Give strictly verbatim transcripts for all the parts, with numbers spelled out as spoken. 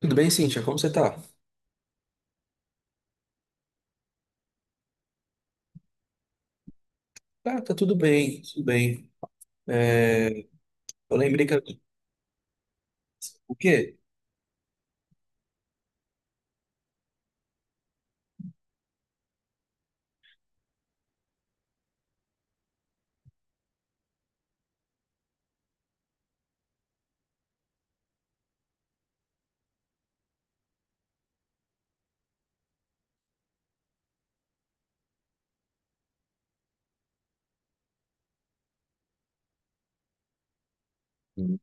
Tudo bem, Cíntia? Como você tá? Ah, tá tudo bem, tudo bem. É, eu lembrei que... O quê? Hum.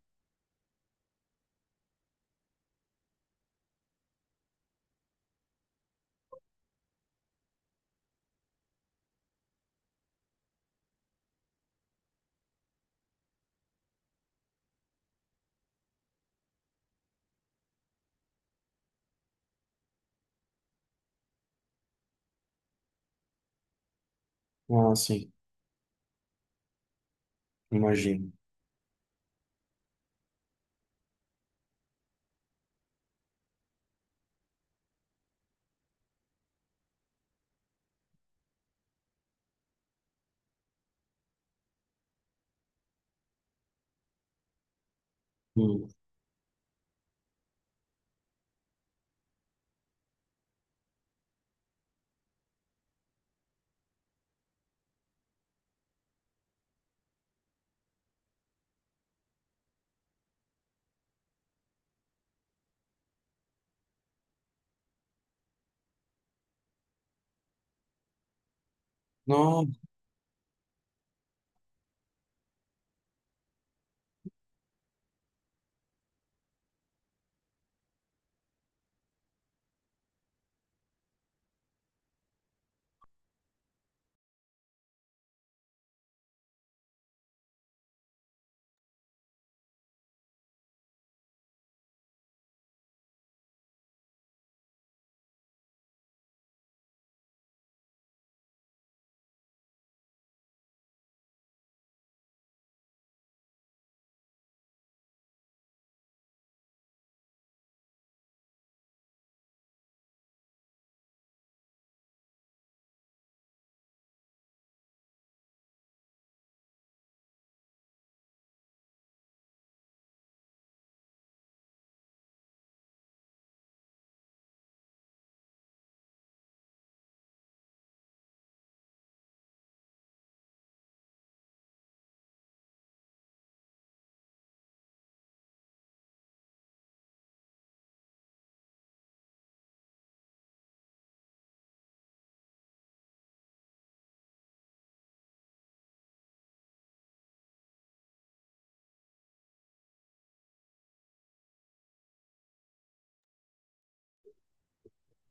Ah, sim, imagino. Hum. Não.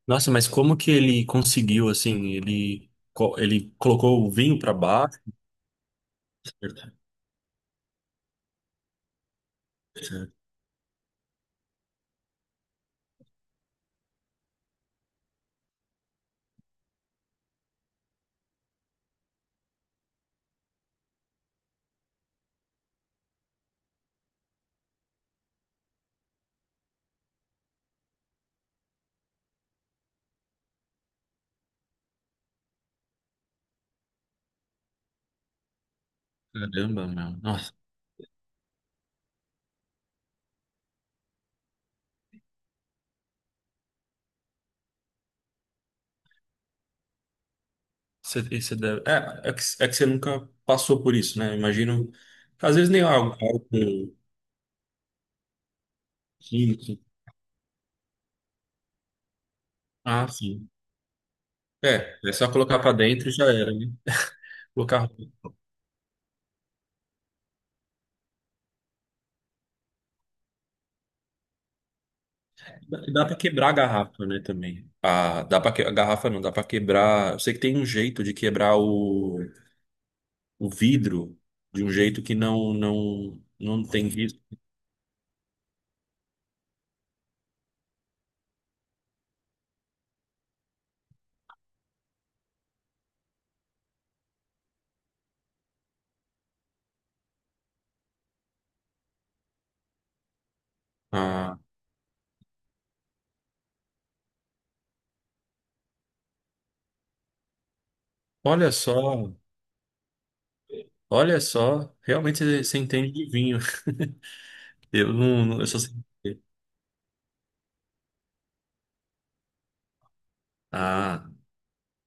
Nossa, mas como que ele conseguiu, assim, ele, co- ele colocou o vinho para baixo? Caramba, meu. Nossa, você, você deve... É, é que, é que você nunca passou por isso, né? Imagino, às vezes nem algo, algo químico. Ah, sim. É, é só colocar para dentro e já era, né? Colocar dá dá pra quebrar a garrafa, né, também. Ah, dá para que... a garrafa não, dá pra quebrar. Eu sei que tem um jeito de quebrar o, o vidro de um jeito que não não não tem risco. Ah, olha só, olha só, realmente você você entende de vinho. Eu não, não- eu só sei. Ah,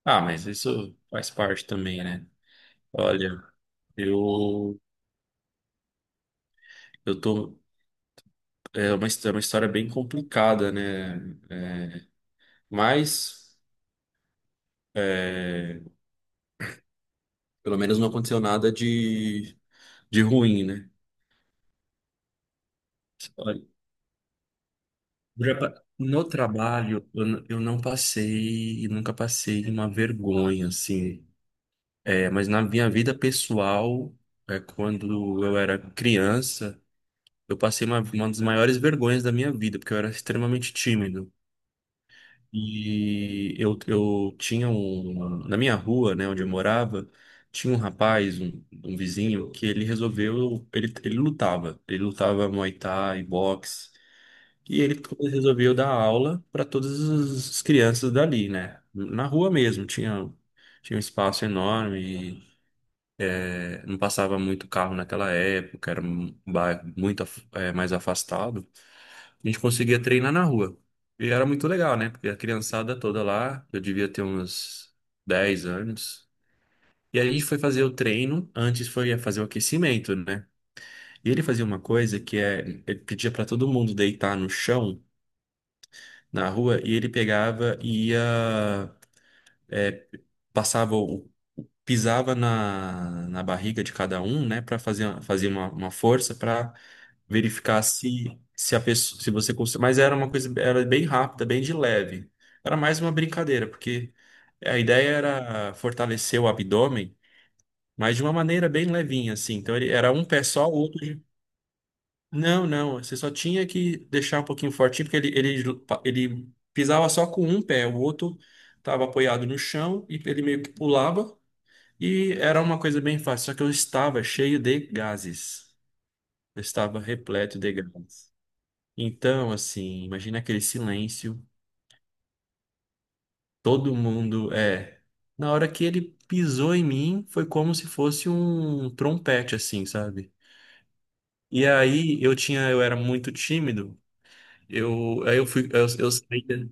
ah, mas isso faz parte também, né? Olha, eu eu tô, é uma, his- é uma história bem complicada, né? É, mas é, pelo menos não aconteceu nada de, de ruim, né? Olha, já pa- no trabalho, eu, n- eu não passei, e nunca passei uma vergonha, assim. É, mas na minha vida pessoal, é, quando eu era criança, eu passei uma, uma das maiores vergonhas da minha vida, porque eu era extremamente tímido. E eu, eu tinha um. Na minha rua, né, onde eu morava, tinha um rapaz, um, um vizinho, que ele resolveu. Ele, ele lutava. Ele lutava Muay Thai, boxe. E ele resolveu dar aula para todas as crianças dali, né? Na rua mesmo. Tinha, tinha um espaço enorme. Não passava muito carro naquela época, era um bairro muito af- eh, mais afastado. A gente conseguia treinar na rua. E era muito legal, né? Porque a criançada toda lá, eu devia ter uns dez anos. E aí a gente foi fazer o treino, antes foi fazer o aquecimento, né? E ele fazia uma coisa que é, ele pedia para todo mundo deitar no chão, na rua, e ele pegava e ia passava o- pisava na, na barriga de cada um, né, para fazer, fazer uma, uma força para verificar se se a pessoa, se você conseguia, mas era uma coisa era bem rápida, bem de leve. Era mais uma brincadeira, porque a ideia era fortalecer o abdômen, mas de uma maneira bem levinha assim. Então ele era um pé só, o outro. Não, não, você só tinha que deixar um pouquinho fortinho, porque ele, ele, ele pisava só com um pé, o outro estava apoiado no chão e ele meio que pulava e era uma coisa bem fácil, só que eu estava cheio de gases. Eu estava repleto de gases. Então, assim, imagina aquele silêncio, todo mundo é. Na hora que ele pisou em mim, foi como se fosse um trompete, assim, sabe? E aí eu tinha, eu era muito tímido. Eu, aí eu fui, eu, eu saí. da-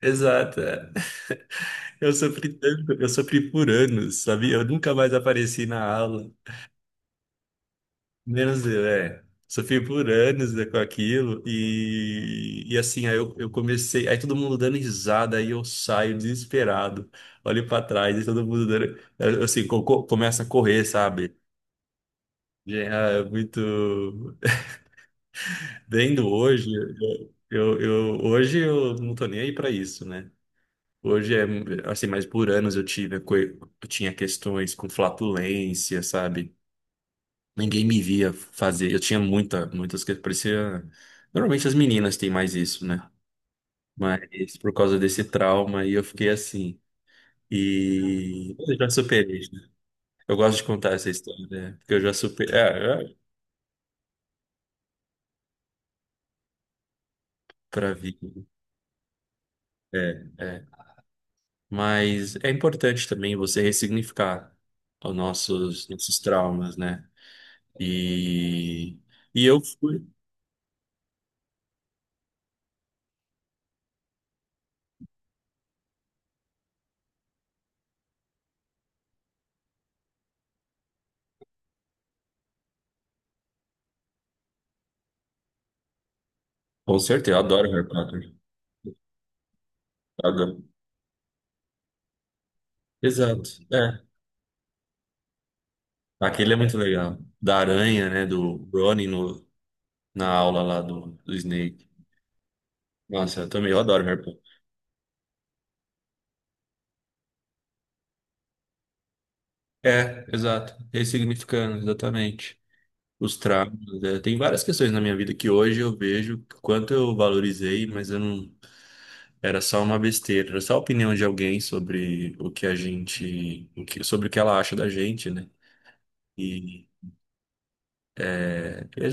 Exato. É. Eu sofri tanto, eu sofri por anos, sabia? Eu nunca mais apareci na aula. Menos eu, é. Sofri por anos, né, com aquilo e, e assim, aí eu, eu comecei, aí todo mundo dando risada, aí eu saio desesperado, olho pra trás e todo mundo dando, eu, assim, co- co- começa a correr, sabe? Já é muito, vendo hoje, eu, eu, hoje eu não tô nem aí pra isso, né? Hoje é, assim, mas por anos eu tive, a coi- eu tinha questões com flatulência, sabe? Ninguém me via fazer. Eu tinha muita, muitas que parecia. Normalmente as meninas têm mais isso, né? Mas por causa desse trauma aí eu fiquei assim. E eu já superei, né? Eu gosto de contar essa história, né? Porque eu já superei. É, é, pra vir. É, é. Mas é importante também você ressignificar os nossos, nossos traumas, né? E, e eu fui. Com certeza, eu adoro Harry Potter. Adoro. Exato. É. Aquele é muito legal. Da aranha, né? Do Ronnie no, na aula lá do, do Snake. Nossa, eu também eu adoro Harry Potter. É, exato. Ressignificando, exatamente. Os traumas, né? Tem várias questões na minha vida que hoje eu vejo o quanto eu valorizei, mas eu não. Era só uma besteira, era só a opinião de alguém sobre o que a gente, o que, sobre o que ela acha da gente, né? E,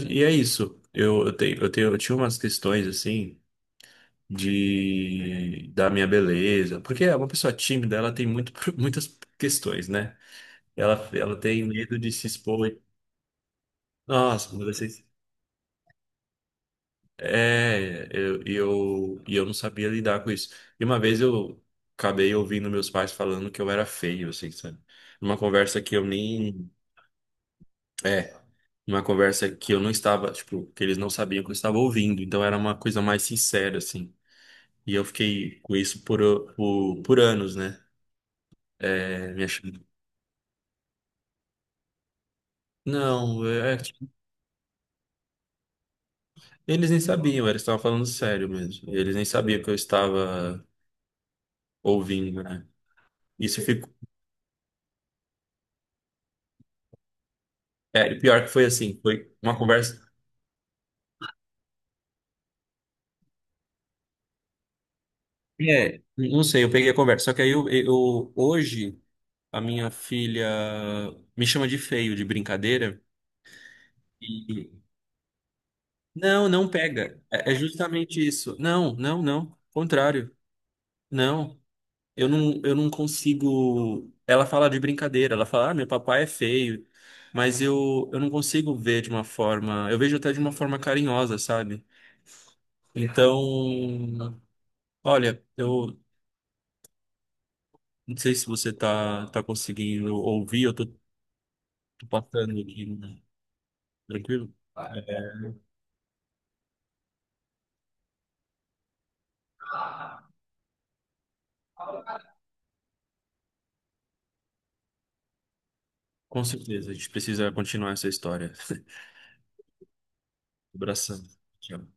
e é isso. Eu, eu tenho, eu tenho, eu tinha umas questões assim. De da minha beleza, porque é uma pessoa tímida, ela tem muito, muitas questões, né? Ela, ela tem medo de se expor. E- Nossa, quando vocês. É, eu, e eu, e eu não sabia lidar com isso. E uma vez eu acabei ouvindo meus pais falando que eu era feio, assim, sabe? Numa conversa que eu nem. É, numa conversa que eu não estava, tipo, que eles não sabiam que eu estava ouvindo. Então era uma coisa mais sincera, assim. E eu fiquei com isso por, por, por anos, né? É, me achando. Não, é, que eles nem sabiam, eles estavam falando sério mesmo. Eles nem sabiam que eu estava ouvindo, né? Isso ficou. É, e pior que foi assim, foi uma conversa. É, não sei, eu peguei a conversa. Só que aí eu, eu- hoje a minha filha me chama de feio, de brincadeira. E não, não pega. É, é justamente isso. Não, não, não. Contrário. Não. Eu não, eu não consigo. Ela fala de brincadeira, ela fala, ah, meu papai é feio, mas eu, eu não consigo ver de uma forma. Eu vejo até de uma forma carinhosa, sabe? Então, olha, eu não sei se você tá, tá conseguindo ouvir, eu tô, tô passando aqui, né? Tranquilo? Com certeza, a gente precisa continuar essa história. Abração. Tchau.